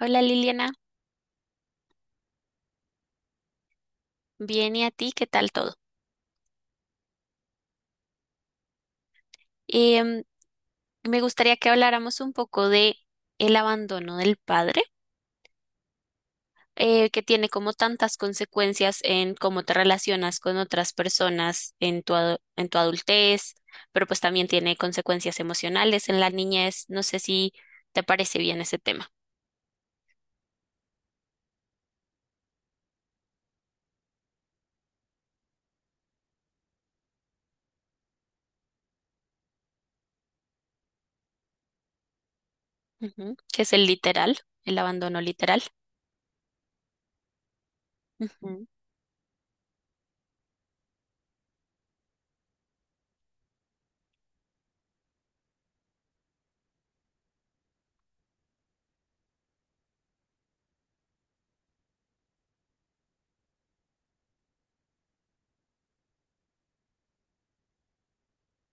Hola Liliana, bien, ¿y a ti? ¿Qué tal todo? Em, Me gustaría que habláramos un poco de el abandono del padre, que tiene como tantas consecuencias en cómo te relacionas con otras personas en en tu adultez, pero pues también tiene consecuencias emocionales en la niñez. No sé si te parece bien ese tema. Ujú, que es el literal, el abandono literal. Ujú.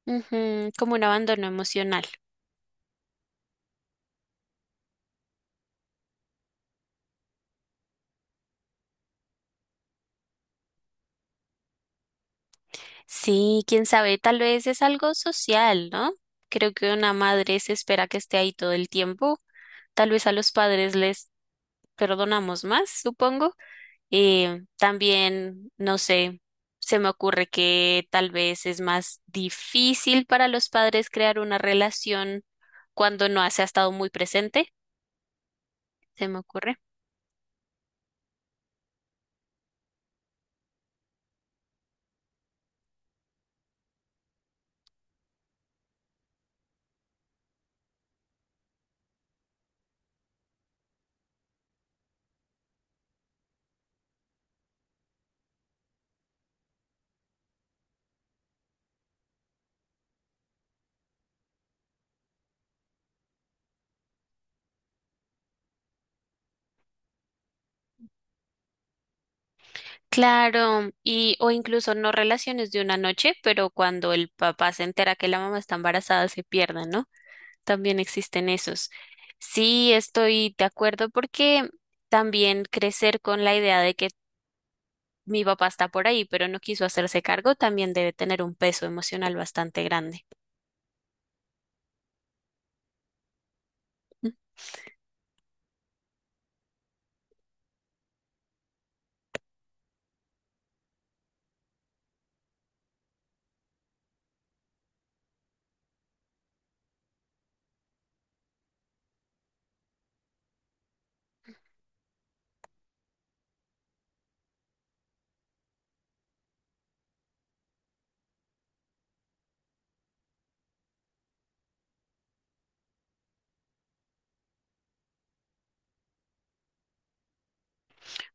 Ujú, como un abandono emocional. Sí, quién sabe, tal vez es algo social, ¿no? Creo que una madre se espera que esté ahí todo el tiempo. Tal vez a los padres les perdonamos más, supongo. También, no sé, se me ocurre que tal vez es más difícil para los padres crear una relación cuando no se ha estado muy presente, se me ocurre. Claro, y o incluso no relaciones de una noche, pero cuando el papá se entera que la mamá está embarazada se pierden, ¿no? También existen esos. Sí, estoy de acuerdo porque también crecer con la idea de que mi papá está por ahí, pero no quiso hacerse cargo, también debe tener un peso emocional bastante grande.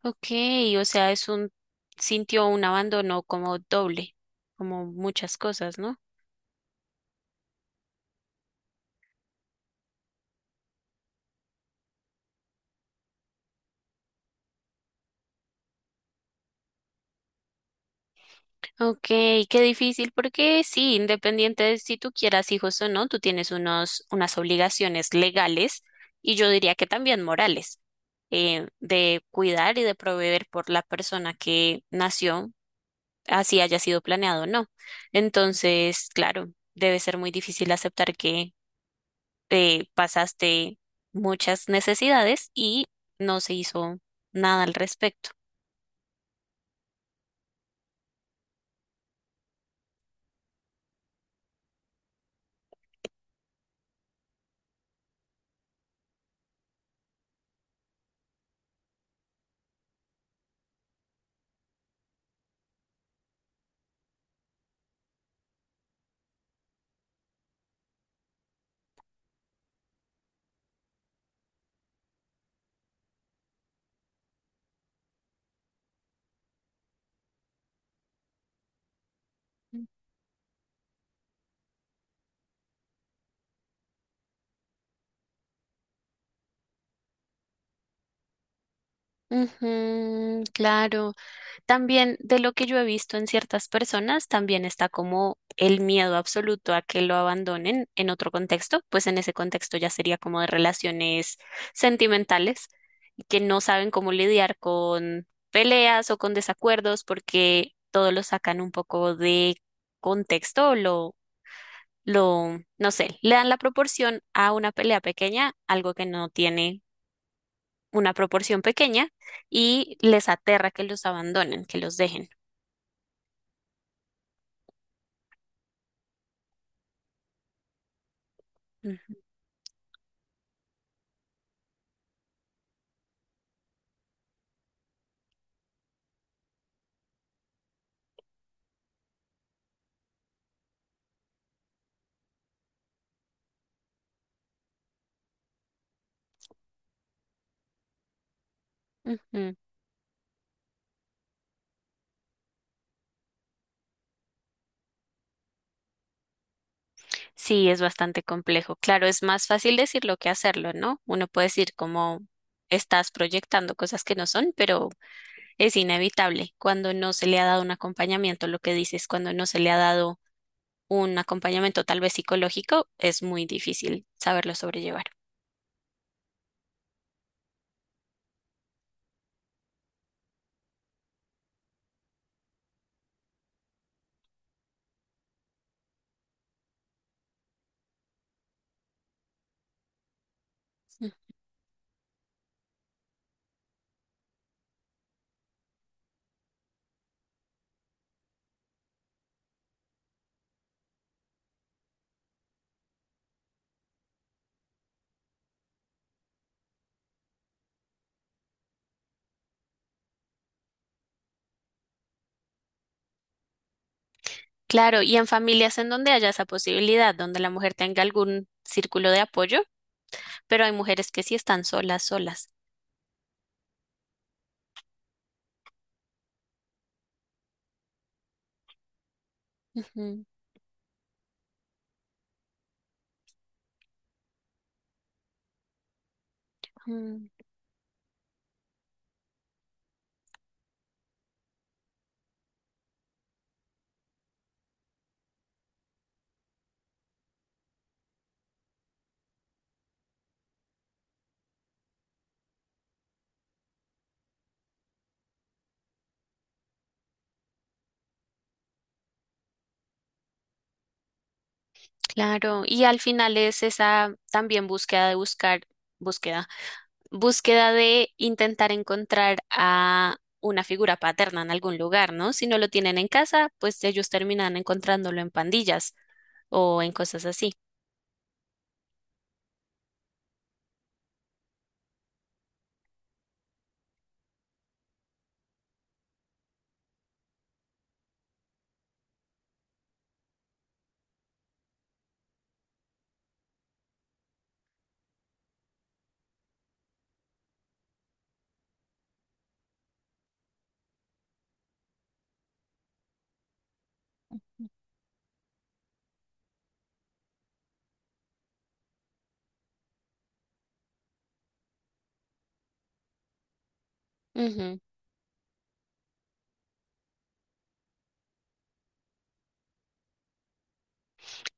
Ok, o sea, sintió un abandono como doble, como muchas cosas, ¿no? Ok, qué difícil, porque sí, independiente de si tú quieras hijos o no, tú tienes unas obligaciones legales y yo diría que también morales, de cuidar y de proveer por la persona que nació, así haya sido planeado o no. Entonces, claro, debe ser muy difícil aceptar que pasaste muchas necesidades y no se hizo nada al respecto. Ujú, claro. También de lo que yo he visto en ciertas personas, también está como el miedo absoluto a que lo abandonen en otro contexto, pues en ese contexto ya sería como de relaciones sentimentales, que no saben cómo lidiar con peleas o con desacuerdos porque todo lo sacan un poco de contexto, o no sé, le dan la proporción a una pelea pequeña, algo que no tiene una proporción pequeña, y les aterra que los abandonen, que los dejen. Ujú. Sí, es bastante complejo. Claro, es más fácil decirlo que hacerlo, ¿no? Uno puede decir como estás proyectando cosas que no son, pero es inevitable cuando no se le ha dado un acompañamiento, lo que dices, cuando no se le ha dado un acompañamiento tal vez psicológico, es muy difícil saberlo sobrellevar. Mm. Claro, y en familias en donde haya esa posibilidad, donde la mujer tenga algún círculo de apoyo, pero hay mujeres que sí están solas, solas. Ujú. Claro, y al final es esa también búsqueda, búsqueda de intentar encontrar a una figura paterna en algún lugar, ¿no? Si no lo tienen en casa, pues ellos terminan encontrándolo en pandillas o en cosas así. Ujú.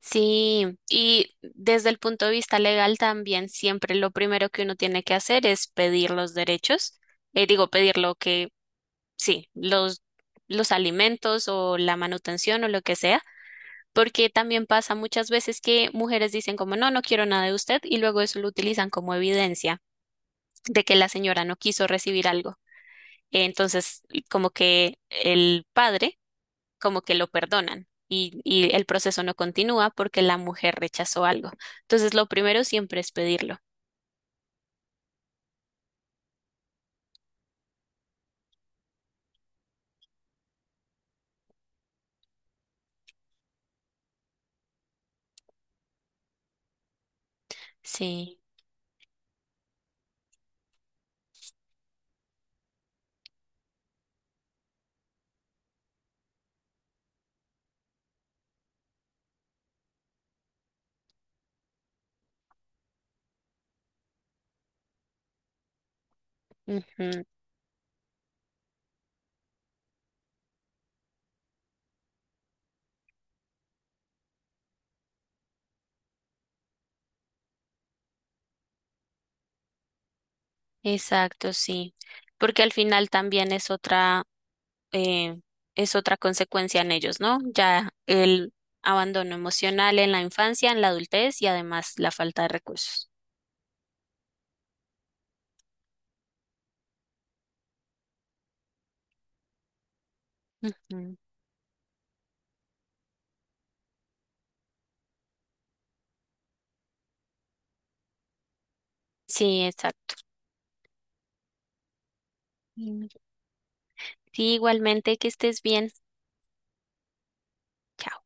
Sí, y desde el punto de vista legal también siempre lo primero que uno tiene que hacer es pedir los derechos, digo, pedir lo que, sí, los alimentos o la manutención o lo que sea. Porque también pasa muchas veces que mujeres dicen como no, no quiero nada de usted y luego eso lo utilizan como evidencia de que la señora no quiso recibir algo. Entonces, como que el padre, como que lo perdonan y el proceso no continúa porque la mujer rechazó algo. Entonces, lo primero siempre es pedirlo. Sí, ujú. Exacto, sí. Porque al final también es otra. eh, es otra consecuencia en ellos, ¿no? Ya el abandono emocional en la infancia, en la adultez y además la falta de recursos. Ujú. Sí, exacto. Mm. Sí, igualmente, que estés bien. Chao.